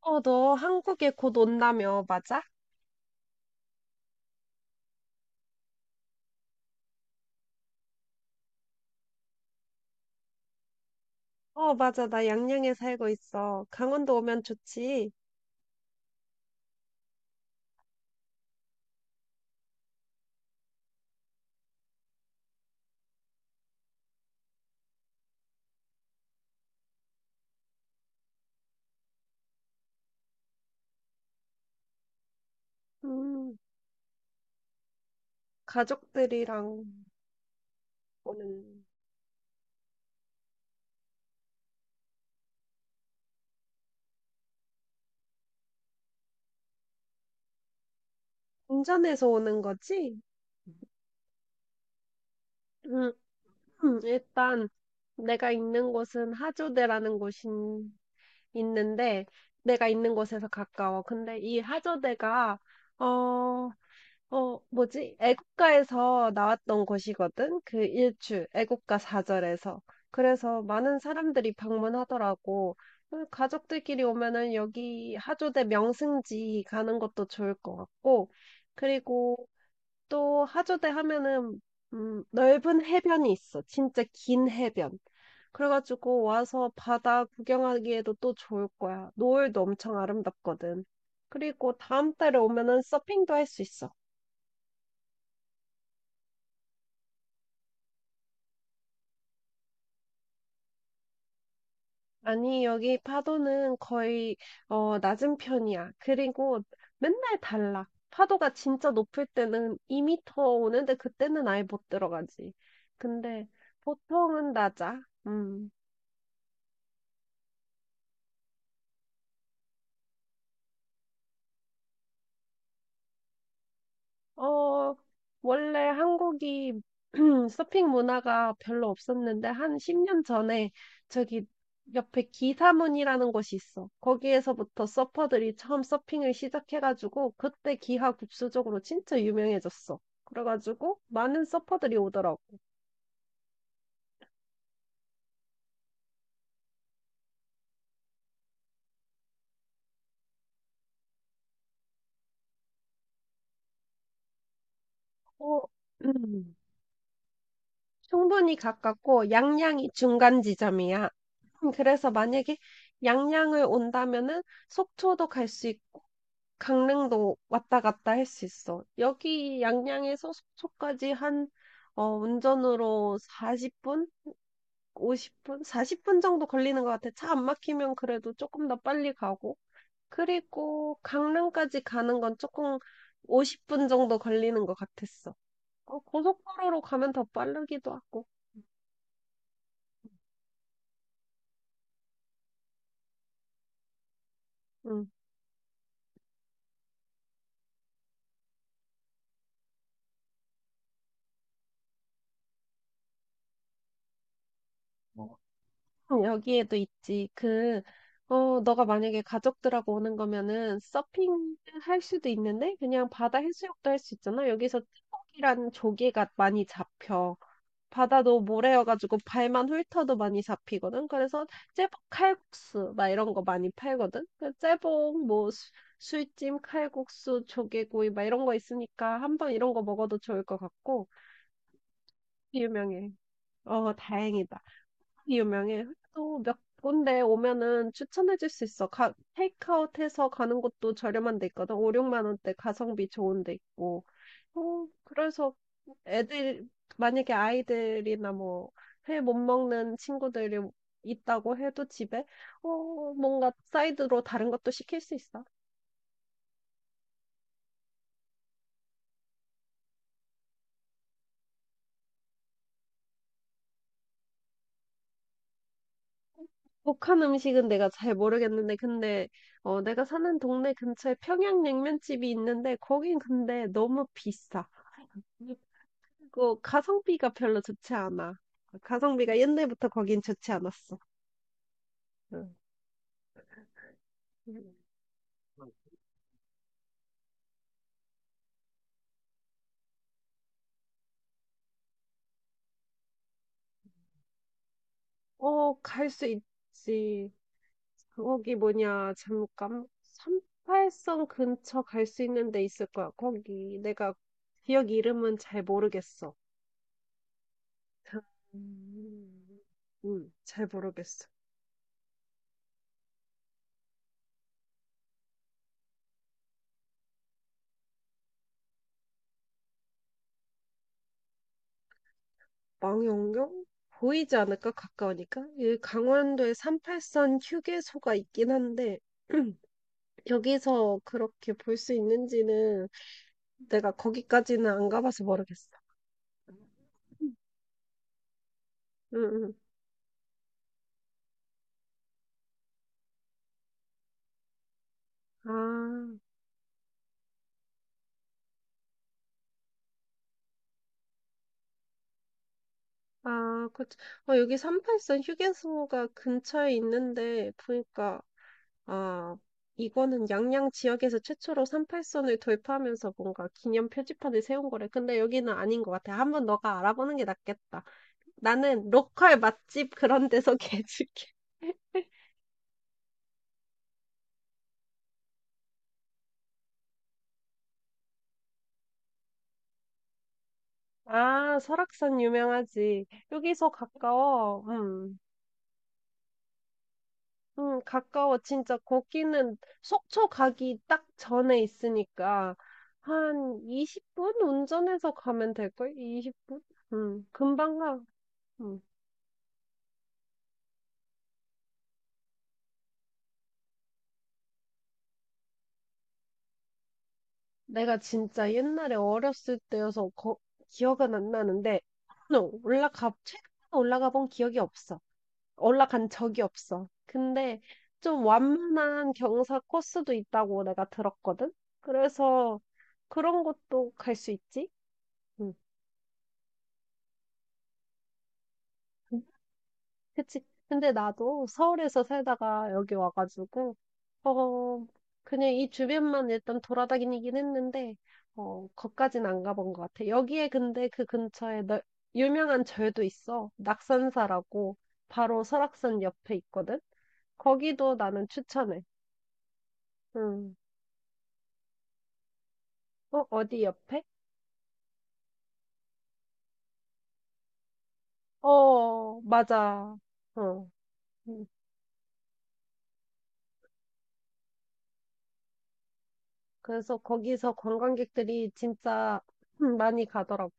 너 한국에 곧 온다며, 맞아? 어, 맞아. 나 양양에 살고 있어. 강원도 오면 좋지. 음, 가족들이랑 오는, 운전해서 오는 거지? 음, 일단 내가 있는 곳은 하조대라는 곳이 있는데, 내가 있는 곳에서 가까워. 근데 이 하조대가, 어, 뭐지? 애국가에서 나왔던 곳이거든? 그 일출, 애국가 사절에서. 그래서 많은 사람들이 방문하더라고. 그 가족들끼리 오면은 여기 하조대 명승지 가는 것도 좋을 것 같고, 그리고 또 하조대 하면은, 넓은 해변이 있어. 진짜 긴 해변. 그래가지고 와서 바다 구경하기에도 또 좋을 거야. 노을도 엄청 아름답거든. 그리고 다음 달에 오면은 서핑도 할 수 있어. 아니, 여기 파도는 거의, 낮은 편이야. 그리고 맨날 달라. 파도가 진짜 높을 때는 2미터 오는데 그때는 아예 못 들어가지. 근데 보통은 낮아. 음. 어, 원래 한국이 서핑 문화가 별로 없었는데, 한 10년 전에 저기 옆에 기사문이라는 곳이 있어. 거기에서부터 서퍼들이 처음 서핑을 시작해가지고, 그때 기하 급수적으로 진짜 유명해졌어. 그래가지고, 많은 서퍼들이 오더라고. 어, 충분히 가깝고 양양이 중간 지점이야. 그래서 만약에 양양을 온다면은 속초도 갈 수 있고 강릉도 왔다 갔다 할 수 있어. 여기 양양에서 속초까지 한 운전으로 40분, 50분, 40분 정도 걸리는 것 같아. 차 안 막히면 그래도 조금 더 빨리 가고. 그리고 강릉까지 가는 건 조금 50분 정도 걸리는 것 같았어. 고속도로로 가면 더 빠르기도 하고. 응. 응, 여기에도 있지. 너가 만약에 가족들하고 오는 거면은 서핑 할 수도 있는데 그냥 바다 해수욕도 할 수 있잖아. 여기서 쭈꾸기라는 조개가 많이 잡혀. 바다도 모래여가지고 발만 훑어도 많이 잡히거든. 그래서 제복 칼국수 막 이런 거 많이 팔거든. 그 제복 뭐 술찜 칼국수 조개구이 막 이런 거 있으니까 한번 이런 거 먹어도 좋을 것 같고 유명해. 다행이다. 유명해. 또 몇 군데 오면은 추천해줄 수 있어. 테이크아웃 해서 가는 곳도 저렴한 데 있거든. 5, 6만 원대 가성비 좋은 데 있고. 그래서 애들, 만약에 아이들이나 뭐, 회 못 먹는 친구들이 있다고 해도 집에, 뭔가 사이드로 다른 것도 시킬 수 있어. 북한 음식은 내가 잘 모르겠는데, 근데, 내가 사는 동네 근처에 평양냉면집이 있는데, 거긴 근데 너무 비싸. 그 가성비가 별로 좋지 않아. 가성비가 옛날부터 거긴 좋지 않았어. 응. 갈 수 있지. 거기 뭐냐, 잠깐. 삼팔선 근처 갈 수 있는 데 있을 거야. 거기 내가 지역 이름은 잘 모르겠어. 음. 잘 모르겠어. 망원경? 보이지 않을까? 가까우니까? 이 강원도에 38선 휴게소가 있긴 한데, 여기서 그렇게 볼 수 있는지는 내가 거기까지는 안 가봐서 모르겠어. 응, 응. 아, 아, 그치. 여기 3팔선 휴게소가 근처에 있는데, 보니까, 아, 이거는 양양 지역에서 최초로 3팔선을 도입하면서 뭔가 기념 표지판을 세운 거래. 근데 여기는 아닌 것 같아. 한번 너가 알아보는 게 낫겠다. 나는 로컬 맛집 그런 데서 개줄게. 아, 설악산 유명하지. 여기서 가까워. 음. 응, 가까워. 진짜 거기는 속초 가기 딱 전에 있으니까 한 20분 운전해서 가면 될걸? 20분? 응, 금방 가. 응. 내가 진짜 옛날에 어렸을 때여서 기억은 안 나는데 응, 올라가 최근에 올라가 본 기억이 없어. 올라간 적이 없어. 근데 좀 완만한 경사 코스도 있다고 내가 들었거든. 그래서 그런 것도 갈 수 있지? 응. 그치. 근데 나도 서울에서 살다가 여기 와가지고, 어, 그냥 이 주변만 일단 돌아다니긴 했는데, 거기까진 안 가본 것 같아. 여기에 근데 그 근처에 너, 유명한 절도 있어. 낙산사라고 바로 설악산 옆에 있거든. 거기도 나는 추천해. 응. 어디 옆에? 어, 맞아. 어. 음. 그래서 거기서 관광객들이 진짜 많이 가더라고.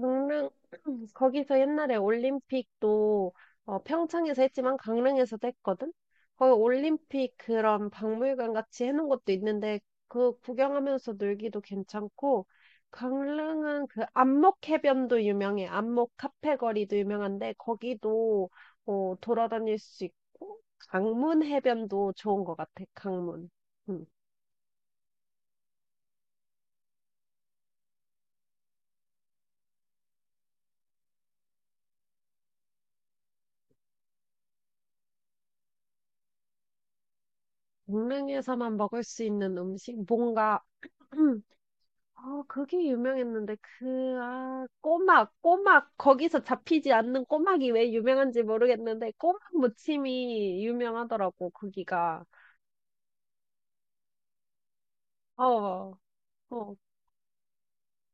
강릉, 거기서 옛날에 올림픽도 평창에서 했지만 강릉에서도 했거든? 거기 올림픽 그런 박물관 같이 해놓은 것도 있는데 그 구경하면서 놀기도 괜찮고 강릉은 그 안목해변도 유명해. 안목 카페 거리도 유명한데 거기도 돌아다닐 수 있고 강문 해변도 좋은 것 같아. 강문. 음. 강릉에서만 먹을 수 있는 음식 뭔가 그게 유명했는데, 아, 꼬막, 꼬막, 거기서 잡히지 않는 꼬막이 왜 유명한지 모르겠는데, 꼬막 무침이 유명하더라고, 거기가. 어, 어,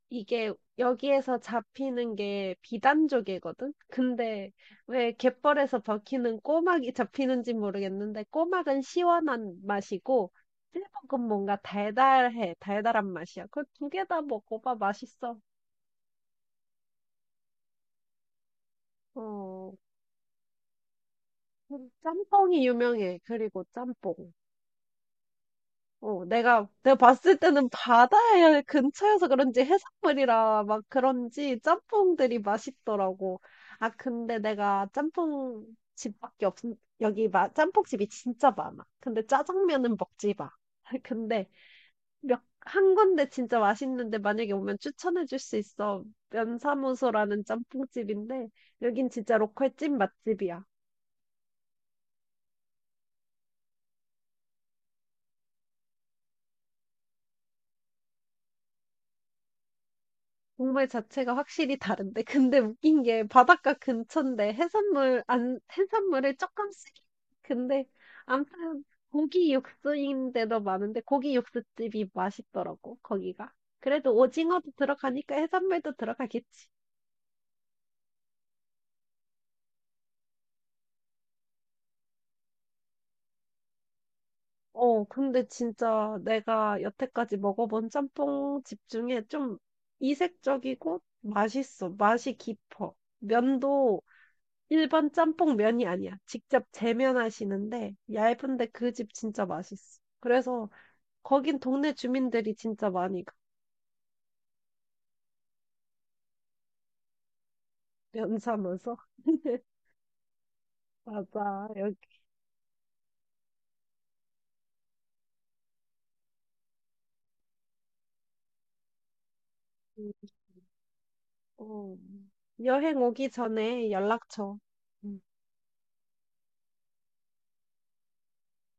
이게 여기에서 잡히는 게 비단족이거든? 근데 왜 갯벌에서 벗기는 꼬막이 잡히는지 모르겠는데, 꼬막은 시원한 맛이고, 찔볶은 뭔가 달달해, 달달한 맛이야. 그 두 개다 먹어봐, 맛있어. 어. 짬뽕이 유명해. 그리고 짬뽕. 내가 봤을 때는 바다에 근처여서 그런지 해산물이라 막 그런지 짬뽕들이 맛있더라고. 아, 근데 내가 짬뽕 집밖에 없, 여기 짬뽕집이 진짜 많아. 근데 짜장면은 먹지 마. 근데 한 군데 진짜 맛있는데 만약에 오면 추천해 줄 수 있어. 면사무소라는 짬뽕집인데 여긴 진짜 로컬 찐 맛집이야. 정물 자체가 확실히 다른데. 근데 웃긴 게 바닷가 근처인데 해산물 안 해산물을 조금씩 근데 아무튼 고기 육수인데도 많은데 고기 육수집이 맛있더라고 거기가. 그래도 오징어도 들어가니까 해산물도 들어가겠지. 근데 진짜 내가 여태까지 먹어본 짬뽕 집 중에 좀 이색적이고 맛있어. 맛이 깊어. 면도 1번 짬뽕 면이 아니야. 직접 재면하시는데 얇은데 그 집 진짜 맛있어. 그래서 거긴 동네 주민들이 진짜 많이 가. 면 사면서. 맞아. 여기. 어. 여행 오기 전에 연락 줘. 음.